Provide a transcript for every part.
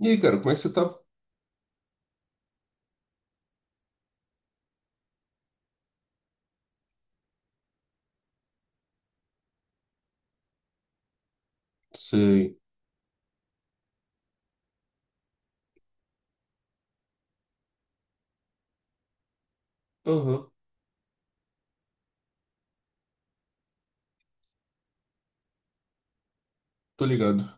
E aí, cara, como é que você tá? Sei. Aham, tô ligado.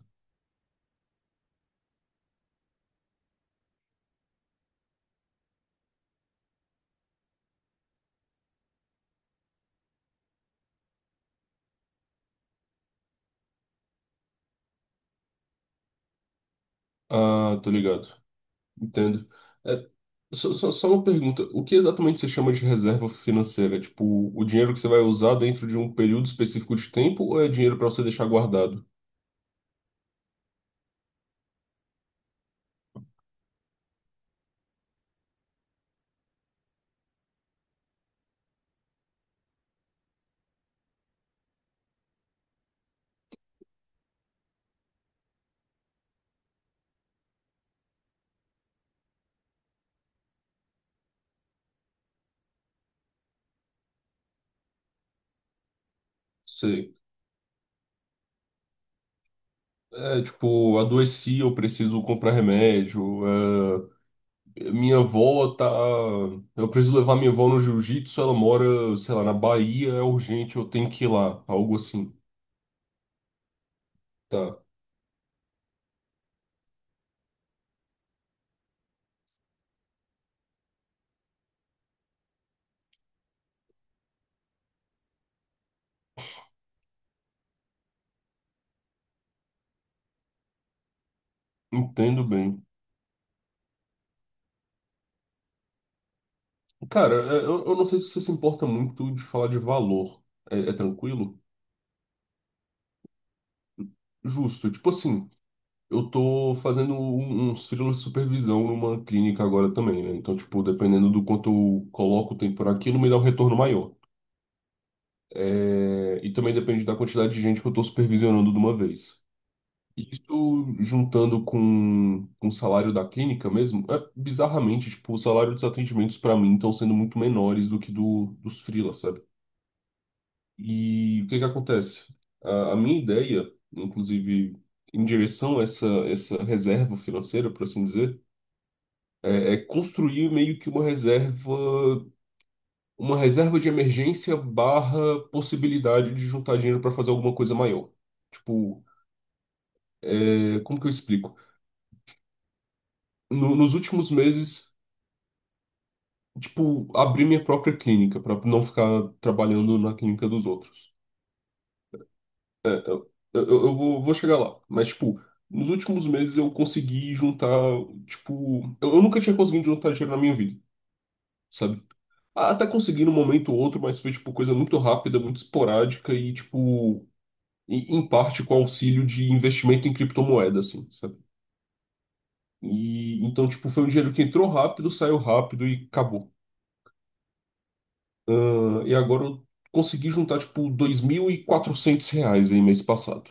Ah, tô ligado. Entendo. É, só, só uma pergunta. O que exatamente você chama de reserva financeira? É, tipo, o dinheiro que você vai usar dentro de um período específico de tempo ou é dinheiro pra você deixar guardado? Sei. É, tipo, adoeci, eu preciso comprar remédio. Minha avó tá. Eu preciso levar minha avó no jiu-jitsu, ela mora, sei lá, na Bahia, é urgente, eu tenho que ir lá, algo assim. Tá, entendo bem. Cara, é, eu não sei se você se importa muito de falar de valor. É, é tranquilo? Justo. Tipo assim, eu tô fazendo uns freelas de supervisão numa clínica agora também, né? Então, tipo, dependendo do quanto eu coloco o tempo por aquilo, me dá um retorno maior. É, e também depende da quantidade de gente que eu tô supervisionando de uma vez. Isso juntando com o salário da clínica mesmo, é, bizarramente, tipo, o salário dos atendimentos para mim estão sendo muito menores do que dos freelas, sabe? E o que que acontece? A minha ideia, inclusive em direção a essa reserva financeira, por assim dizer, é construir meio que uma reserva de emergência barra possibilidade de juntar dinheiro para fazer alguma coisa maior. Tipo, é, como que eu explico? Nos últimos meses. Tipo, abrir minha própria clínica para não ficar trabalhando na clínica dos outros. Eu vou, vou chegar lá. Mas, tipo, nos últimos meses eu consegui juntar, tipo, eu nunca tinha conseguido juntar dinheiro na minha vida, sabe? Ah, até consegui num momento ou outro, mas foi, tipo, coisa muito rápida, muito esporádica e, tipo, em parte com auxílio de investimento em criptomoeda, assim, sabe? E então, tipo, foi um dinheiro que entrou rápido, saiu rápido e acabou. Ah, e agora eu consegui juntar, tipo, 2.400 reais aí mês passado.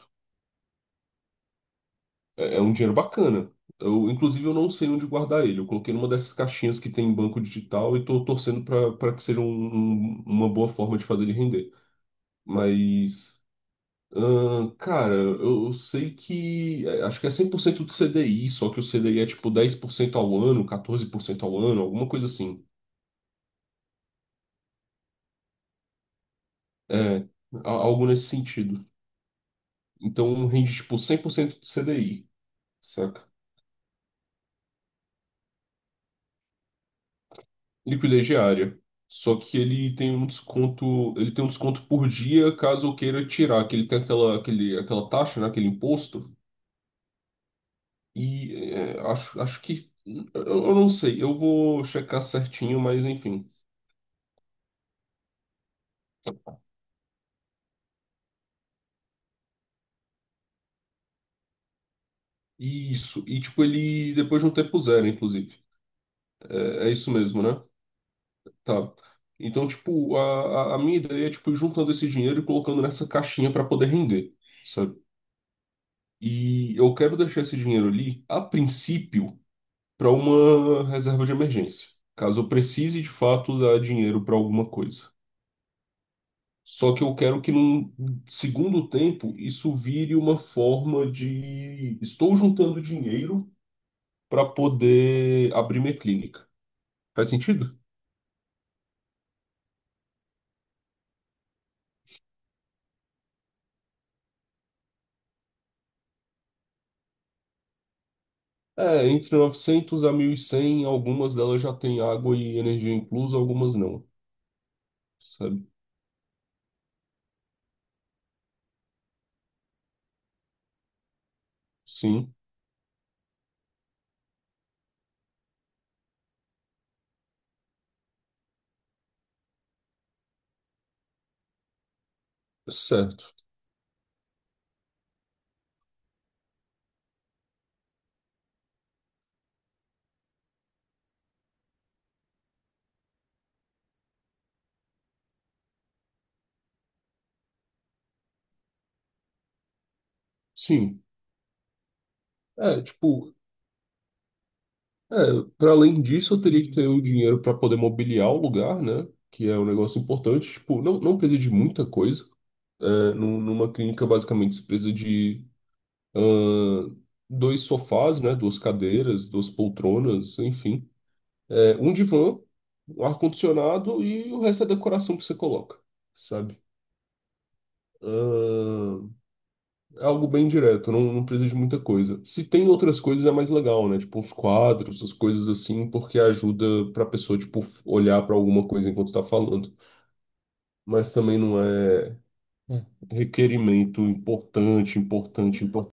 É, é um dinheiro bacana. Eu, inclusive, eu não sei onde guardar ele. Eu coloquei numa dessas caixinhas que tem em banco digital e tô torcendo para que seja uma boa forma de fazer ele render. Mas, ah, cara, eu sei que. Acho que é 100% do CDI, só que o CDI é tipo 10% ao ano, 14% ao ano, alguma coisa assim. É, algo nesse sentido. Então rende tipo 100% do CDI. Saca? Liquidez diária. Só que ele tem um desconto, ele tem um desconto por dia caso eu queira tirar, que ele tem aquela taxa, né, aquele imposto. E é, acho que, eu não sei, eu vou checar certinho, mas enfim. E isso, e tipo, ele depois de um tempo zero, inclusive. É, é isso mesmo, né? Tá. Então, tipo, a minha ideia é, tipo, ir juntando esse dinheiro e colocando nessa caixinha para poder render, sabe? E eu quero deixar esse dinheiro ali, a princípio para uma reserva de emergência, caso eu precise de fato dar dinheiro para alguma coisa. Só que eu quero que num segundo tempo isso vire uma forma de estou juntando dinheiro para poder abrir minha clínica. Faz sentido? É, entre 900 a 1.100 algumas delas já têm água e energia inclusa, algumas não, sabe? Sim, certo. Sim. É, tipo, é, para além disso, eu teria que ter o dinheiro para poder mobiliar o lugar, né? Que é um negócio importante. Tipo, não precisa de muita coisa. É, numa clínica, basicamente, você precisa de ahn, dois sofás, né? Duas cadeiras, duas poltronas, enfim. É, um divã, um ar-condicionado e o resto é decoração que você coloca, sabe? É algo bem direto, não precisa de muita coisa. Se tem outras coisas é mais legal, né? Tipo uns quadros, as coisas assim, porque ajuda pra pessoa, tipo, olhar pra alguma coisa enquanto tá falando. Mas também não é é, requerimento importante, importante, importante.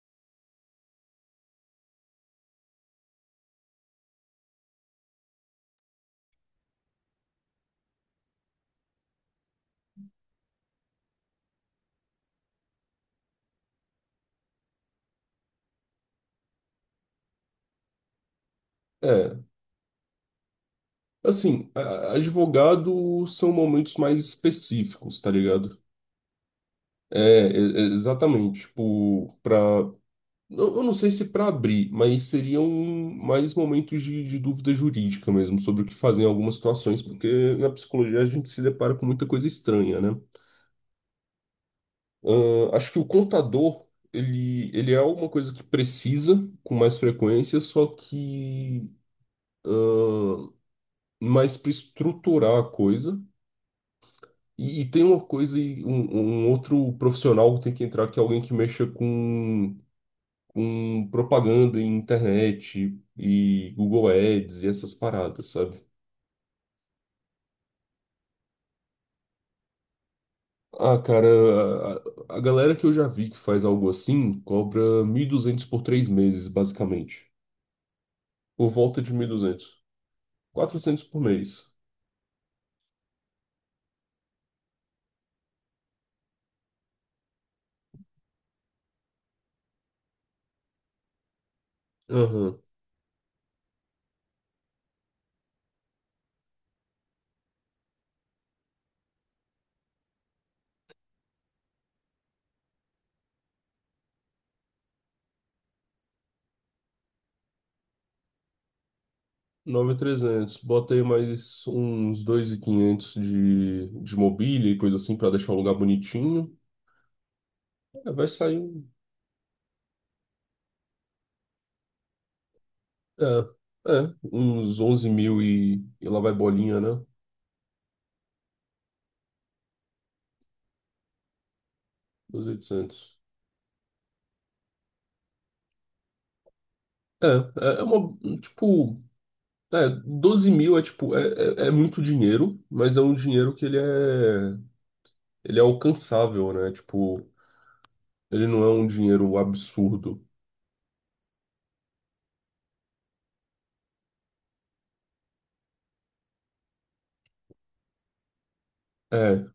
É, assim, advogado são momentos mais específicos, tá ligado? É, exatamente. Tipo, pra eu não sei se para abrir, mas seriam mais momentos de dúvida jurídica mesmo sobre o que fazer em algumas situações, porque na psicologia a gente se depara com muita coisa estranha, né? Ah, acho que o contador, ele é uma coisa que precisa com mais frequência, só que mais para estruturar a coisa. E tem uma coisa, e um outro profissional que tem que entrar, que é alguém que mexa com propaganda em internet e Google Ads e essas paradas, sabe? Ah, cara, a galera que eu já vi que faz algo assim cobra 1.200 por três meses, basicamente. Por volta de mil e duzentos. 400 por mês. Aham. 9.300. Bota aí mais uns 2.500 de mobília e coisa assim pra deixar o lugar bonitinho. É, vai sair é, é, uns 11 mil e lá vai bolinha, né? 2.800. É, é, é uma, tipo, é, 12 mil é tipo, é muito dinheiro, mas é um dinheiro que ele é alcançável, né? Tipo, ele não é um dinheiro absurdo. É,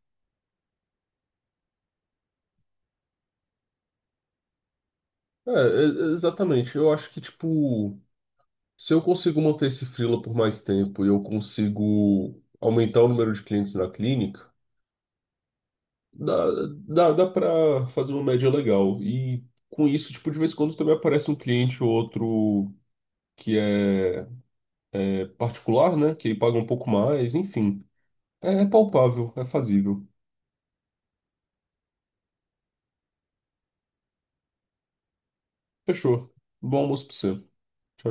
é, exatamente. Eu acho que, tipo, se eu consigo manter esse freela por mais tempo e eu consigo aumentar o número de clientes na clínica, dá, dá pra fazer uma média legal. E com isso, tipo, de vez em quando também aparece um cliente ou outro que é, é particular, né? Que paga um pouco mais, enfim. É palpável, é fazível. Fechou. Bom almoço pra você. Tchau, tchau.